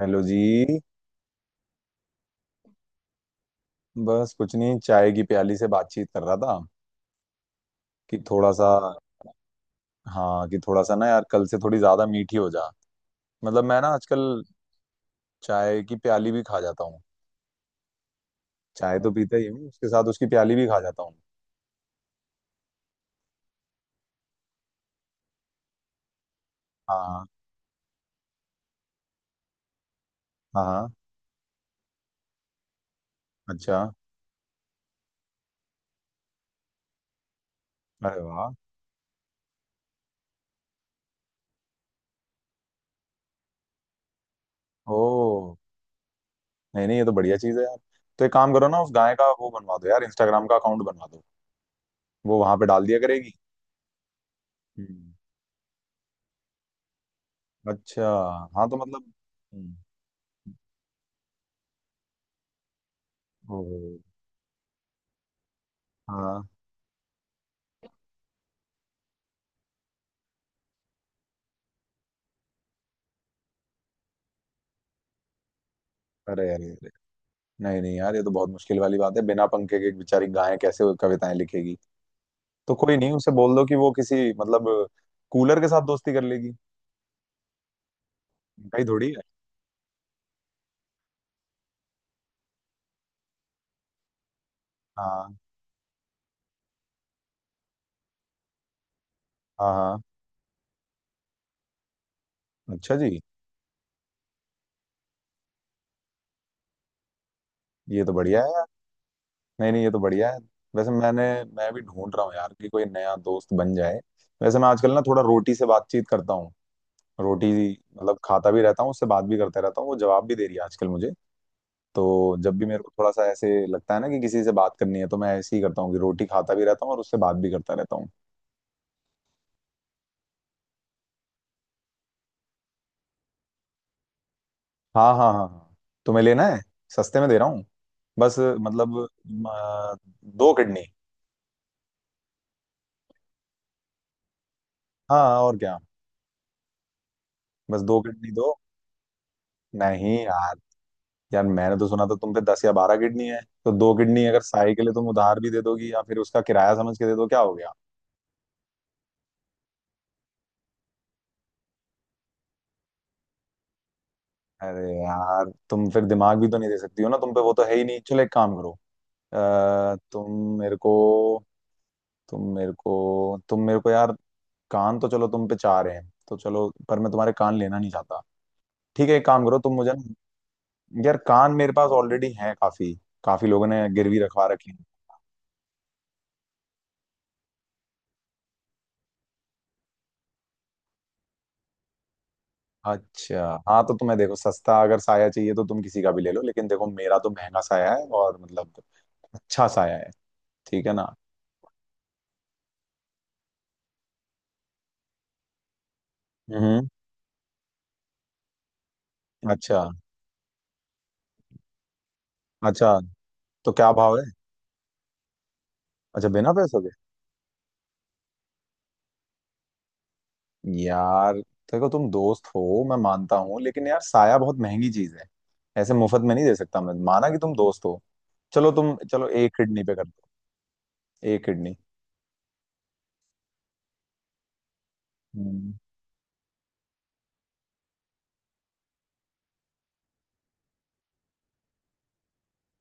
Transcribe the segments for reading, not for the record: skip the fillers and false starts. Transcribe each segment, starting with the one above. Hello जी। बस कुछ नहीं, चाय की प्याली से बातचीत कर रहा था। कि थोड़ा सा। हाँ, कि थोड़ा सा ना यार, कल से थोड़ी ज्यादा मीठी हो जा। मतलब मैं ना आजकल चाय की प्याली भी खा जाता हूँ। चाय तो पीता ही हूँ, उसके साथ उसकी प्याली भी खा जाता हूँ। हाँ हाँ हाँ। अच्छा। अरे वाह। ओ। नहीं नहीं, ये तो बढ़िया चीज़ है यार। तो एक काम करो ना, उस गाय का वो बनवा दो यार, इंस्टाग्राम का अकाउंट बनवा दो। वो वहां पे डाल दिया करेगी। हम्म। अच्छा। हाँ तो मतलब। हम्म, ओ। हाँ। अरे अरे। नहीं नहीं यार, ये तो बहुत मुश्किल वाली बात है। बिना पंखे के एक बेचारी गाय कैसे वो कविताएं लिखेगी। तो कोई नहीं, उसे बोल दो कि वो किसी मतलब कूलर के साथ दोस्ती कर लेगी। भाई थोड़ी है। हाँ हाँ हाँ। अच्छा जी। ये तो बढ़िया है यार। नहीं नहीं, ये तो बढ़िया है। वैसे मैंने, मैं भी ढूंढ रहा हूँ यार कि कोई नया दोस्त बन जाए। वैसे मैं आजकल ना थोड़ा रोटी से बातचीत करता हूँ। रोटी। मतलब खाता भी रहता हूँ, उससे बात भी करते रहता हूँ, वो जवाब भी दे रही है आजकल मुझे। तो जब भी मेरे को थोड़ा सा ऐसे लगता है ना कि किसी से बात करनी है, तो मैं ऐसे ही करता हूँ कि रोटी खाता भी रहता हूँ और उससे बात भी करता रहता हूँ। हाँ हाँ हाँ हाँ। तुम्हें लेना है। सस्ते में दे रहा हूँ। बस मतलब अ, दो किडनी। हाँ और क्या। बस दो किडनी दो। नहीं यार। यार मैंने तो सुना था तुम पे दस या बारह किडनी है। तो दो किडनी अगर साई के लिए तुम उधार भी दे दोगी, या फिर उसका किराया समझ के दे दो, क्या हो गया। अरे यार, तुम फिर दिमाग भी तो नहीं दे सकती हो ना, तुम पे वो तो है ही नहीं। चलो एक काम करो। तुम मेरे को तुम मेरे को तुम मेरे को यार, कान तो चलो तुम पे चाह रहे हैं तो चलो, पर मैं तुम्हारे कान लेना नहीं चाहता। ठीक है, एक काम करो, तुम मुझे ना-। यार कान मेरे पास ऑलरेडी है काफी, काफी लोगों ने गिरवी रखवा रखे हैं। अच्छा हाँ, तो तुम्हें देखो, सस्ता अगर साया चाहिए तो तुम किसी का भी ले लो, लेकिन देखो मेरा तो महंगा साया है और मतलब अच्छा साया है। ठीक है ना। हम्म। अच्छा। अच्छा तो क्या भाव है। अच्छा बिना पैसों के। यार देखो, तुम दोस्त हो मैं मानता हूँ, लेकिन यार साया बहुत महंगी चीज है। ऐसे मुफ्त में नहीं दे सकता, मैं माना कि तुम दोस्त हो। चलो तुम चलो, एक किडनी पे कर दो। एक किडनी। हम्म।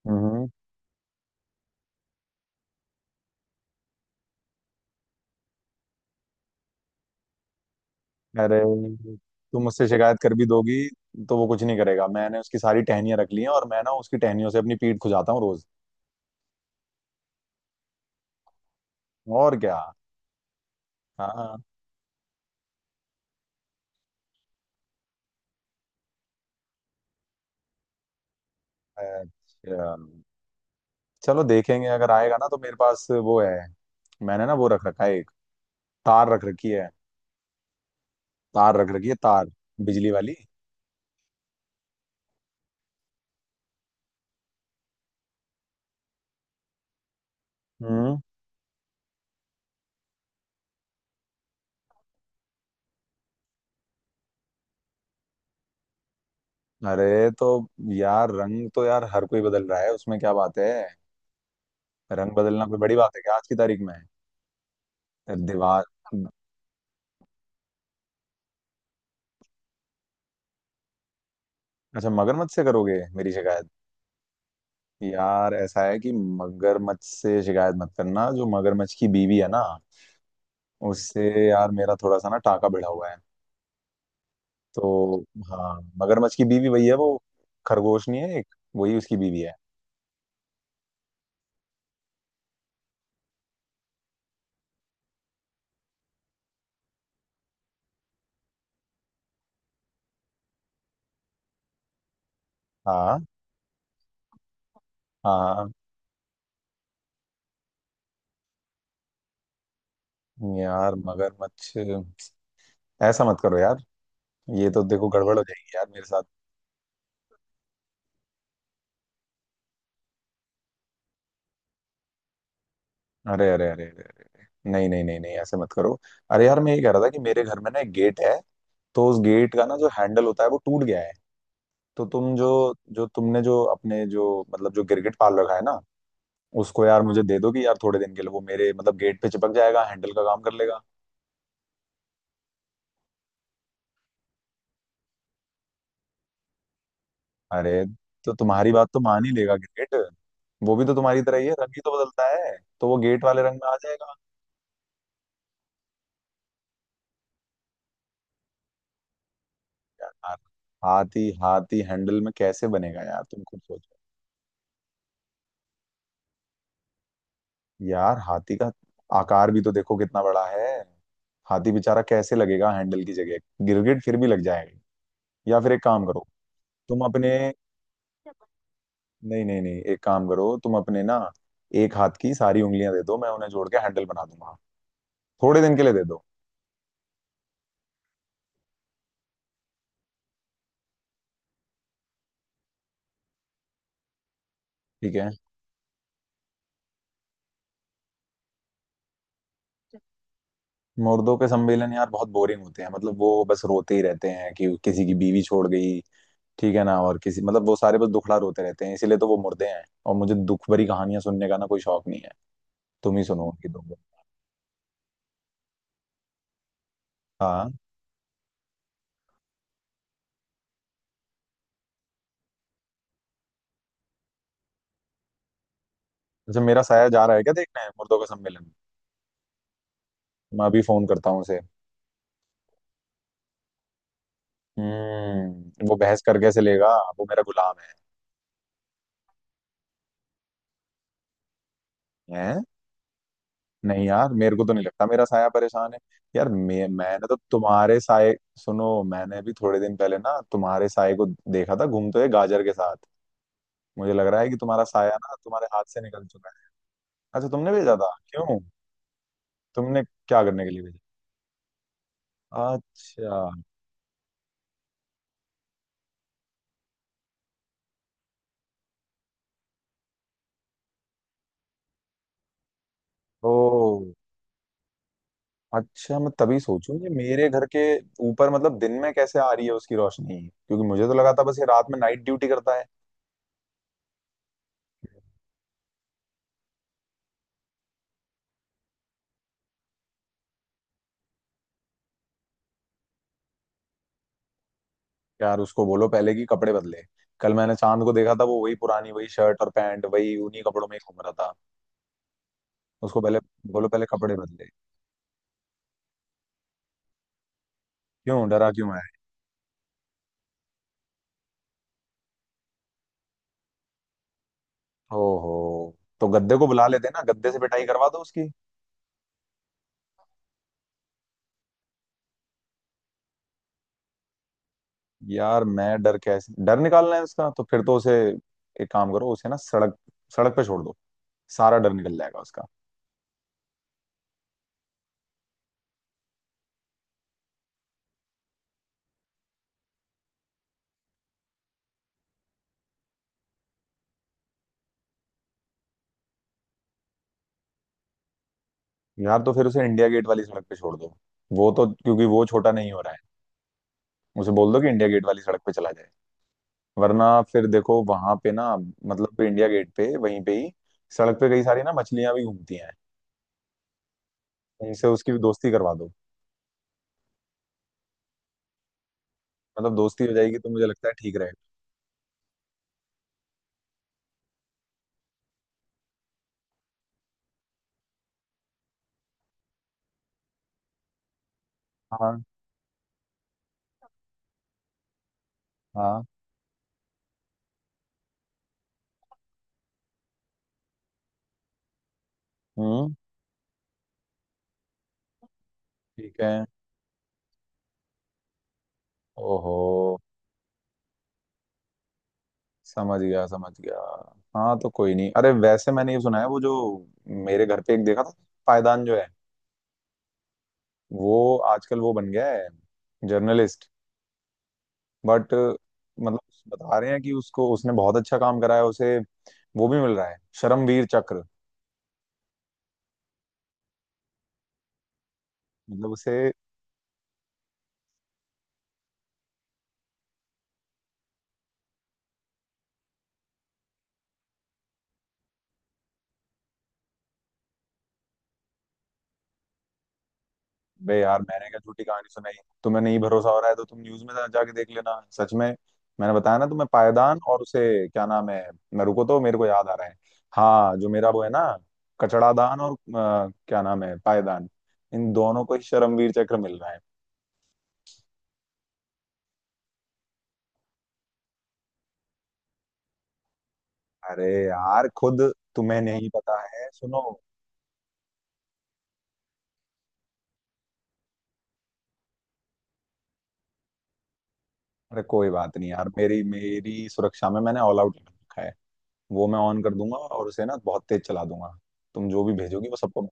हम्म, हम्म। अरे तुम मुझसे शिकायत कर भी दोगी, तो वो कुछ नहीं करेगा। मैंने उसकी सारी टहनियां रख ली हैं और मैं ना उसकी टहनियों से अपनी पीठ खुजाता हूँ रोज। और क्या। हाँ। अच्छा। चलो देखेंगे, अगर आएगा ना तो मेरे पास वो है। मैंने ना वो रख रखा है एक, तार रख रखी है। तार रख रखी है तार। बिजली वाली। हम्म। अरे, तो यार रंग तो यार हर कोई बदल रहा है, उसमें क्या बात है। रंग बदलना कोई बड़ी बात है क्या आज की तारीख में। दीवार। अच्छा मगरमच्छ से करोगे मेरी शिकायत। यार ऐसा है कि मगरमच्छ से शिकायत मत करना। जो मगरमच्छ की बीवी है ना उससे, यार मेरा थोड़ा सा ना टाका बढ़ा हुआ है। तो हाँ, मगरमच्छ की बीवी वही है वो, खरगोश नहीं है एक, वही उसकी बीवी है। हाँ हाँ। यार मगरमच्छ, ऐसा मत करो यार। ये तो देखो गड़बड़ हो जाएगी यार मेरे साथ। अरे अरे अरे अरे, नहीं नहीं नहीं नहीं, ऐसे मत करो। अरे यार मैं ये कह रहा था कि मेरे घर में ना एक गेट है। तो उस गेट का ना जो हैंडल होता है वो टूट गया है। तो तुम जो जो तुमने जो अपने जो मतलब जो गिरगिट पाल रखा है ना, उसको यार मुझे दे दो, कि यार थोड़े दिन के लिए वो मेरे मतलब गेट पे चिपक जाएगा, हैंडल का काम कर लेगा। अरे तो तुम्हारी बात तो मान ही लेगा गिरगिट। वो भी तो तुम्हारी तरह ही है, रंग ही तो बदलता है, तो वो गेट वाले रंग में आ जाएगा। यार हाथी हाथी हैंडल में कैसे बनेगा यार, तुम खुद सोचो। यार हाथी का आकार भी तो देखो कितना बड़ा है। हाथी बेचारा कैसे लगेगा हैंडल की जगह। गिरगिट फिर भी लग जाएगा। या फिर एक काम करो, तुम अपने नहीं नहीं नहीं एक काम करो, तुम अपने ना एक हाथ की सारी उंगलियां दे दो, मैं उन्हें जोड़ के हैंडल बना दूंगा। थोड़े दिन के लिए दे दो। ठीक है। मुर्दों के सम्मेलन यार बहुत बोरिंग होते हैं। मतलब वो बस रोते ही रहते हैं कि किसी की बीवी छोड़ गई, ठीक है ना, और किसी मतलब, वो सारे बस दुखड़ा रोते रहते हैं, इसीलिए तो वो मुर्दे हैं। और मुझे दुख भरी कहानियां सुनने का ना कोई शौक नहीं है। तुम ही सुनो उनकी दो। हाँ। अच्छा मेरा साया जा रहा है क्या देखने मुर्दों का सम्मेलन। मैं अभी फोन करता हूँ उसे। हम्म, वो बहस कर कैसे लेगा। वो मेरा गुलाम है। हैं। नहीं यार, मेरे को तो नहीं लगता मेरा साया परेशान है। यार मैं, मैंने तो तुम्हारे साय सुनो, मैंने भी थोड़े दिन पहले ना तुम्हारे साय को देखा था घूमते हुए गाजर के साथ। मुझे लग रहा है कि तुम्हारा साया ना तुम्हारे हाथ से निकल चुका है। अच्छा तुमने भेजा था क्यों। तुमने क्या करने के लिए भेजा। अच्छा। ओ। अच्छा मैं तभी सोचूं ये मेरे घर के ऊपर मतलब दिन में कैसे आ रही है उसकी रोशनी, क्योंकि मुझे तो लगा था बस ये रात में नाइट ड्यूटी करता है। यार उसको बोलो पहले कि कपड़े बदले। कल मैंने चांद को देखा था, वो वही पुरानी वही शर्ट और पैंट, वही उन्हीं कपड़ों में ही घूम रहा था। उसको पहले बोलो पहले कपड़े बदले। क्यों डरा क्यों है। ओहो। तो गद्दे को बुला लेते ना, गद्दे से पिटाई करवा दो उसकी। यार मैं डर, कैसे डर निकालना है उसका, तो फिर तो उसे एक काम करो, उसे ना सड़क, सड़क पे छोड़ दो, सारा डर निकल जाएगा उसका। यार तो फिर उसे इंडिया गेट वाली सड़क पे छोड़ दो। वो तो, क्योंकि वो छोटा नहीं हो रहा है। उसे बोल दो कि इंडिया गेट वाली सड़क पे चला जाए। वरना फिर देखो वहां पे ना मतलब इंडिया गेट पे वहीं पे ही सड़क पे कई सारी ना मछलियां भी घूमती हैं। उनसे उसकी दोस्ती करवा दो। मतलब दोस्ती हो जाएगी तो मुझे लगता है ठीक रहेगा। हाँ हाँ। हम्म। ठीक है। ओहो। समझ गया समझ गया। हाँ तो कोई नहीं। अरे वैसे मैंने ये सुना है वो जो मेरे घर पे एक देखा था, पायदान जो है, वो आजकल वो बन गया है जर्नलिस्ट। बट मतलब बता रहे हैं कि उसको, उसने बहुत अच्छा काम करा है, उसे वो भी मिल रहा है परमवीर चक्र। मतलब उसे। बे यार मैंने क्या झूठी कहानी सुनाई। तुम्हें नहीं भरोसा हो रहा है तो तुम न्यूज में जाके देख लेना सच में। मैंने बताया ना तुम्हें पायदान और उसे क्या नाम है, मैं रुको तो मेरे को याद आ रहा है। हाँ जो मेरा वो है ना, कचड़ादान और क्या नाम है पायदान, इन दोनों को ही शर्मवीर चक्र मिल रहा है। अरे यार खुद तुम्हें नहीं पता है, सुनो। अरे कोई बात नहीं यार, मेरी मेरी सुरक्षा में मैंने ऑल आउट रखा है। वो मैं ऑन कर दूंगा और उसे ना बहुत तेज चला दूंगा। तुम जो भी भेजोगी वो सबको।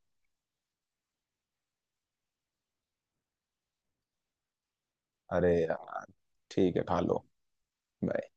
अरे यार ठीक है, खा लो। Bye.